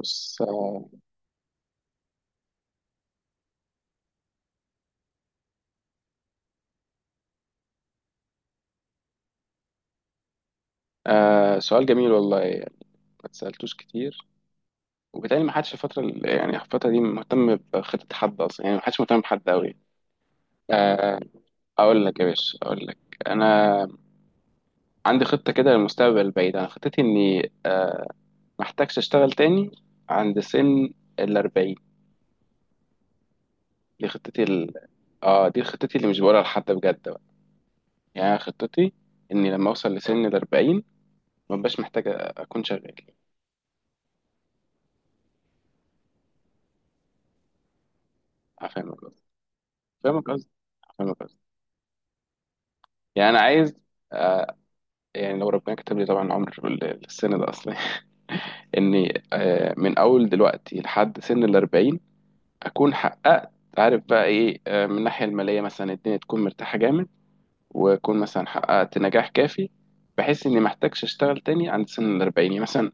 بص، سؤال جميل والله، يعني ما اتسألتوش كتير، وبالتالي ما حدش الفترة يعني الفترة دي مهتم بخطة حد أصلا، يعني ما حدش مهتم بحد أوي. آه أقول لك يا باشا، أقول لك أنا عندي خطة كده للمستقبل البعيد. أنا خطتي إني ما أحتاجش أشتغل تاني عند سن الأربعين. دي خطتي. آه، دي خطتي اللي مش بقولها لحد بجد بقى. يعني أنا خطتي إني لما أوصل لسن الأربعين ما بقاش محتاج أكون شغال. فاهمك قصدي فاهمك قصدي فاهمك قصدي. يعني انا عايز، آه، يعني لو ربنا كتب لي طبعا عمر السن ده اصلا، اني من اول دلوقتي لحد سن الاربعين اكون حققت، عارف بقى ايه، من الناحيه الماليه مثلا الدنيا تكون مرتاحه جامد، واكون مثلا حققت نجاح كافي، بحيث اني ما احتاجش اشتغل تاني عند سن الاربعين. يعني مثلا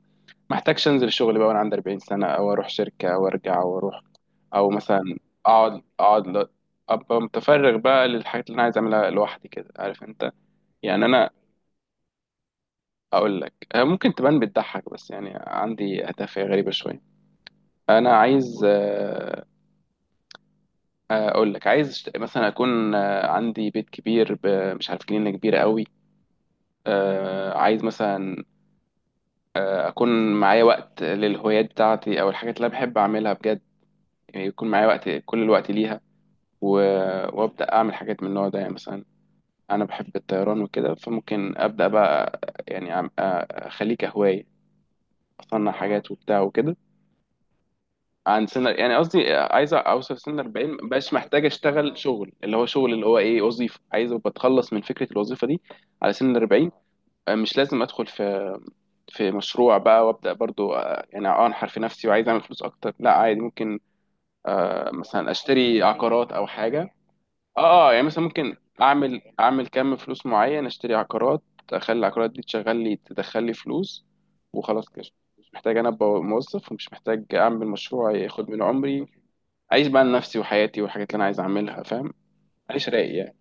ما احتاجش انزل الشغل بقى وانا عندي 40 سنه، او اروح شركه او ارجع او اروح، او مثلا اقعد ابقى متفرغ بقى للحاجات اللي انا عايز اعملها لوحدي كده، عارف انت. يعني انا اقول لك، ممكن تبان بتضحك، بس يعني عندي هدف غريبه شويه. انا عايز، اقول لك، عايز مثلا اكون عندي بيت كبير مش عارف، جنينه كبيره قوي. عايز مثلا اكون معايا وقت للهوايات بتاعتي او الحاجات اللي انا بحب اعملها بجد. يعني يكون معايا وقت، كل الوقت ليها، و- وابدا اعمل حاجات من النوع ده. يعني مثلا انا بحب الطيران وكده، فممكن ابدا بقى، يعني اخليه كهوايه، اصنع حاجات وبتاع وكده. عن سنة، يعني قصدي عايز اوصل سن 40 مبقاش محتاج اشتغل شغل اللي هو شغل اللي هو ايه، وظيفة. عايز ابقى اتخلص من فكرة الوظيفة دي على سن 40. مش لازم ادخل في مشروع بقى وابدا برضو، يعني انحر في نفسي وعايز اعمل فلوس اكتر. لا عادي ممكن، مثلا اشتري عقارات او حاجة. اه، يعني مثلا ممكن اعمل كم فلوس معين، اشتري عقارات، اخلي العقارات دي تشغل لي، تدخل لي فلوس، وخلاص كده. مش محتاج انا ابقى موظف، ومش محتاج اعمل مشروع ياخد من عمري. اعيش بقى لنفسي وحياتي والحاجات اللي انا عايز اعملها، فاهم؟ اعيش رايق يعني،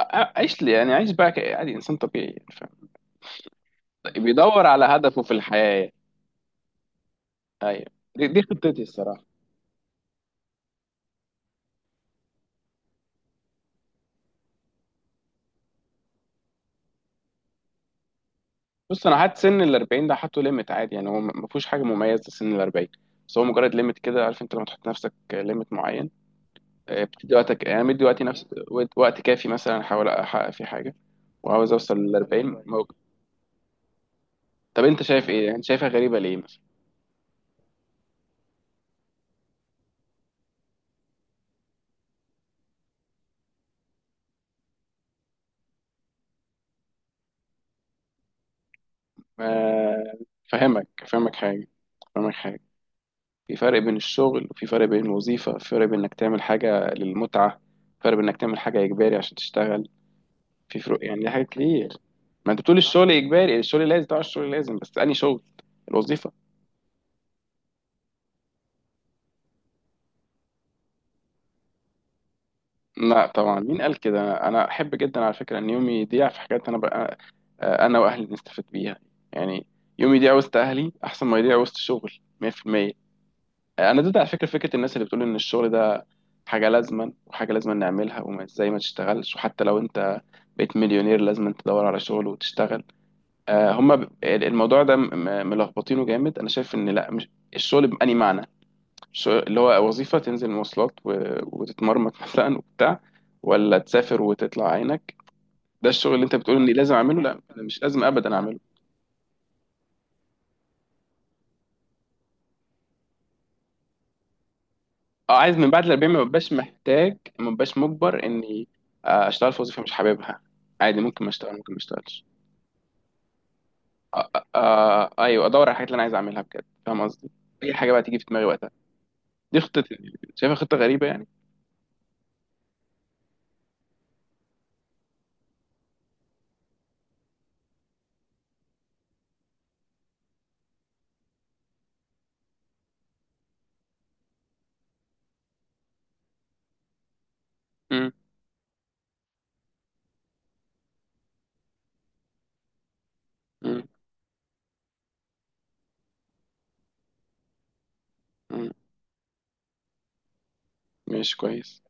اعيش لي يعني، اعيش بقى عادي، انسان طبيعي يعني، فاهم؟ بيدور على هدفه في الحياه يعني. ايوه، دي خطتي الصراحه. بص انا حاطط سن ال 40 ده، حاطه ليميت عادي. يعني هو ما فيهوش حاجه مميزه سن ال 40، بس هو مجرد ليميت كده. عارف انت لما تحط لنفسك ليميت معين، بتدي وقتك. يعني أنا مدي وقتي نفس وقت كافي، مثلا احاول احقق فيه حاجه، وعاوز اوصل لل 40 موجود. طب انت شايف ايه؟ انت شايفها غريبه ليه مثلا؟ ما- فاهمك فاهمك حاجه فاهمك حاجه. في فرق بين الشغل، وفي فرق بين الوظيفة، في فرق بين إنك تعمل حاجة للمتعة، في فرق بين إنك تعمل حاجة إجباري عشان تشتغل. في فروق يعني، دي حاجات كتير. ما أنت بتقول الشغل إجباري، الشغل لازم، طبعا الشغل لازم، بس أنهي شغل؟ الوظيفة؟ لا طبعا، مين قال كده؟ أنا أحب جدا على فكرة إن يومي يضيع في حاجات أنا بقى، أنا وأهلي نستفيد بيها. يعني يومي يضيع وسط أهلي أحسن ما يضيع وسط شغل. 100%. انا ضد على فكره الناس اللي بتقول ان الشغل ده حاجه لازما، وحاجه لازما نعملها، وما ازاي ما تشتغلش، وحتى لو انت بقيت مليونير لازم تدور على شغل وتشتغل. آه، هما الموضوع ده ملخبطينه جامد. انا شايف ان لا، مش الشغل بأني معنى الشغل اللي هو وظيفه تنزل مواصلات وتتمرمط، مثلا وبتاع، ولا تسافر وتطلع عينك. ده الشغل اللي انت بتقول اني لازم اعمله، لا أنا مش لازم ابدا اعمله. اه، عايز من بعد الأربعين ما ببقاش مجبر إني، أشتغل في وظيفة مش حاببها. عادي، ممكن ما أشتغلش. آه آه أيوه، أدور على الحاجات اللي أنا عايز أعملها بجد، فاهم قصدي؟ أي حاجة بقى تيجي في دماغي وقتها. دي خطتي. شايفها خطة غريبة يعني؟ مم. مم. مم. ماشي كويس.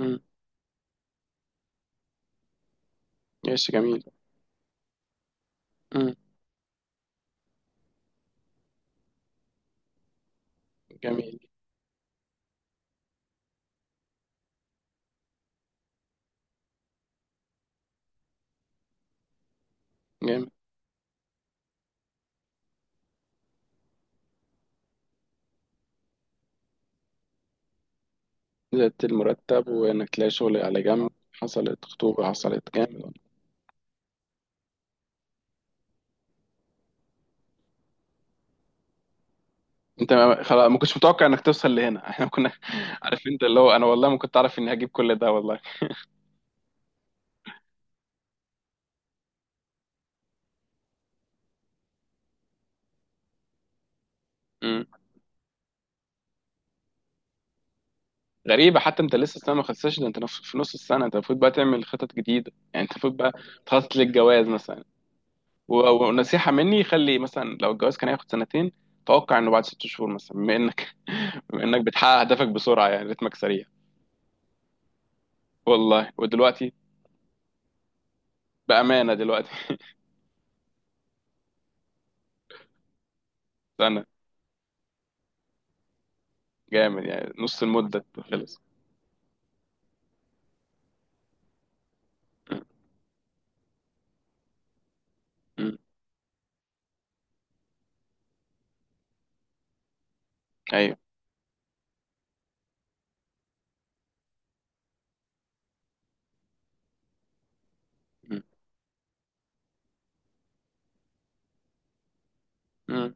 مم. ماشي جميل. مم. جميل. جامد. زادت المرتب، وإنك تلاقي شغل على جنب، حصلت خطوبة، حصلت جامد. انت خلاص، ما كنتش متوقع انك توصل لهنا، احنا كنا عارف انت، اللي هو انا والله ما كنت اعرف اني هجيب كل ده والله. مم. غريبة، حتى انت لسه السنة ما خلصتش، ده انت في نص السنة انت المفروض بقى تعمل خطط جديدة. يعني انت المفروض بقى تخطط للجواز مثلا، ونصيحة مني، خلي مثلا لو الجواز كان هياخد سنتين توقع انه بعد ست شهور مثلا، بما انك بما انك بتحقق اهدافك بسرعة، يعني رتمك سريع. والله. ودلوقتي بأمانة دلوقتي سنة. جامد يعني نص المدة. خلص. مم. مم. ايوه. مم. مم.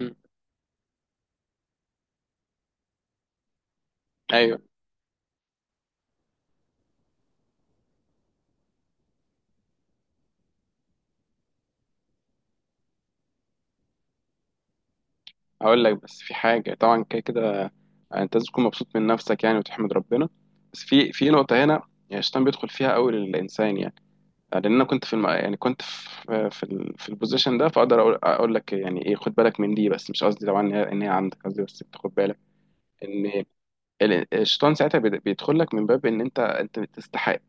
مم. ايوه. هقول لك، بس في حاجة، طبعا كده كده انت لازم تكون مبسوط من نفسك يعني، وتحمد ربنا. بس في نقطة هنا، يعني الشيطان بيدخل فيها قوي للإنسان يعني. لأن أنا كنت في يعني كنت في في البوزيشن ده، فأقدر أقول أقول لك يعني إيه، خد بالك من دي. بس مش قصدي طبعا إن هي عندك، قصدي بس تاخد بالك إن الشيطان ساعتها بيدخل لك من باب إن أنت تستحق.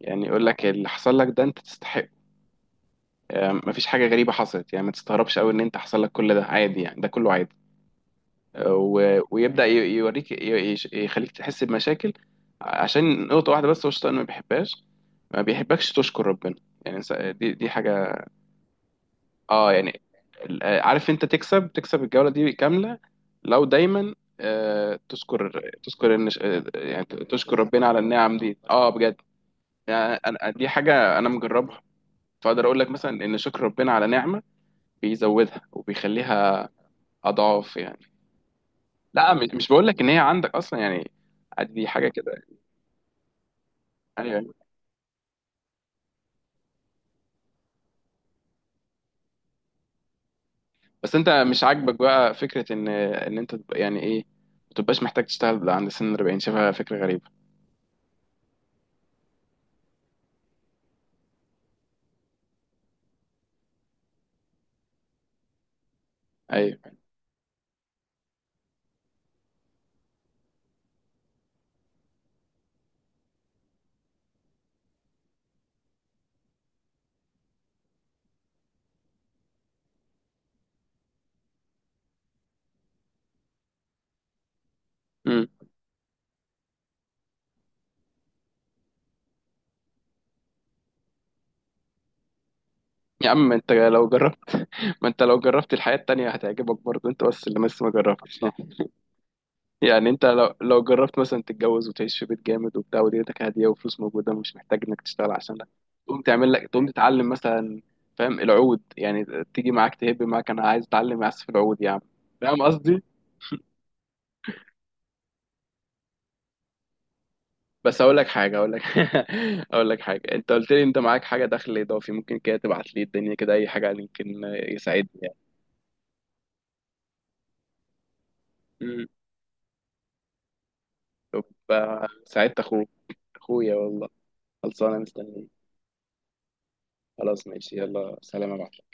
يعني يقول لك اللي حصل لك ده أنت تستحق، مفيش حاجة غريبة حصلت، يعني ما تستغربش قوي إن أنت حصل لك كل ده، عادي يعني، ده كله عادي. ويبدأ يوريك يخليك تحس بمشاكل. عشان نقطة واحدة بس هو الشيطان ما بيحبهاش، ما بيحبكش تشكر ربنا. يعني دي حاجة. اه يعني عارف انت، تكسب الجولة دي كاملة لو دايما تشكر يعني تشكر ربنا على النعم دي، اه بجد. يعني دي حاجة انا مجربها، فاقدر اقول لك مثلا ان شكر ربنا على نعمة بيزودها وبيخليها اضعاف يعني. لا مش بقول لك ان هي عندك اصلا يعني، عادي دي حاجه كده. ايوه. أيوة. بس انت مش عاجبك بقى فكره ان انت تبقى يعني ايه، ما تبقاش محتاج تشتغل عند سن 40، شايفها فكره غريبه؟ ايوه. امم. يا عم انت لو جربت، ما انت لو جربت الحياه التانيه هتعجبك برضه انت، بس اللي لسه ما جربتش. يعني انت لو جربت مثلا تتجوز وتعيش في بيت جامد وبتاع، ودنيتك هاديه وفلوس موجوده ومش محتاج انك تشتغل عشانها، تقوم تعمل لك، تقوم تتعلم مثلا، فاهم؟ العود يعني، تيجي معاك، تهب معاك، انا عايز اتعلم اعزف العود يا عم. فاهم قصدي؟ بس اقول لك حاجه، اقول لك اقول لك حاجه، انت قلت لي انت معاك حاجه دخل اضافي، ممكن كده تبعت لي الدنيا كده، اي حاجه يمكن يساعدني يعني. امم. طب، ساعدت اخوك، اخويا والله، خلصانه مستنيك. خلاص، ماشي، يلا سلام يا معلم.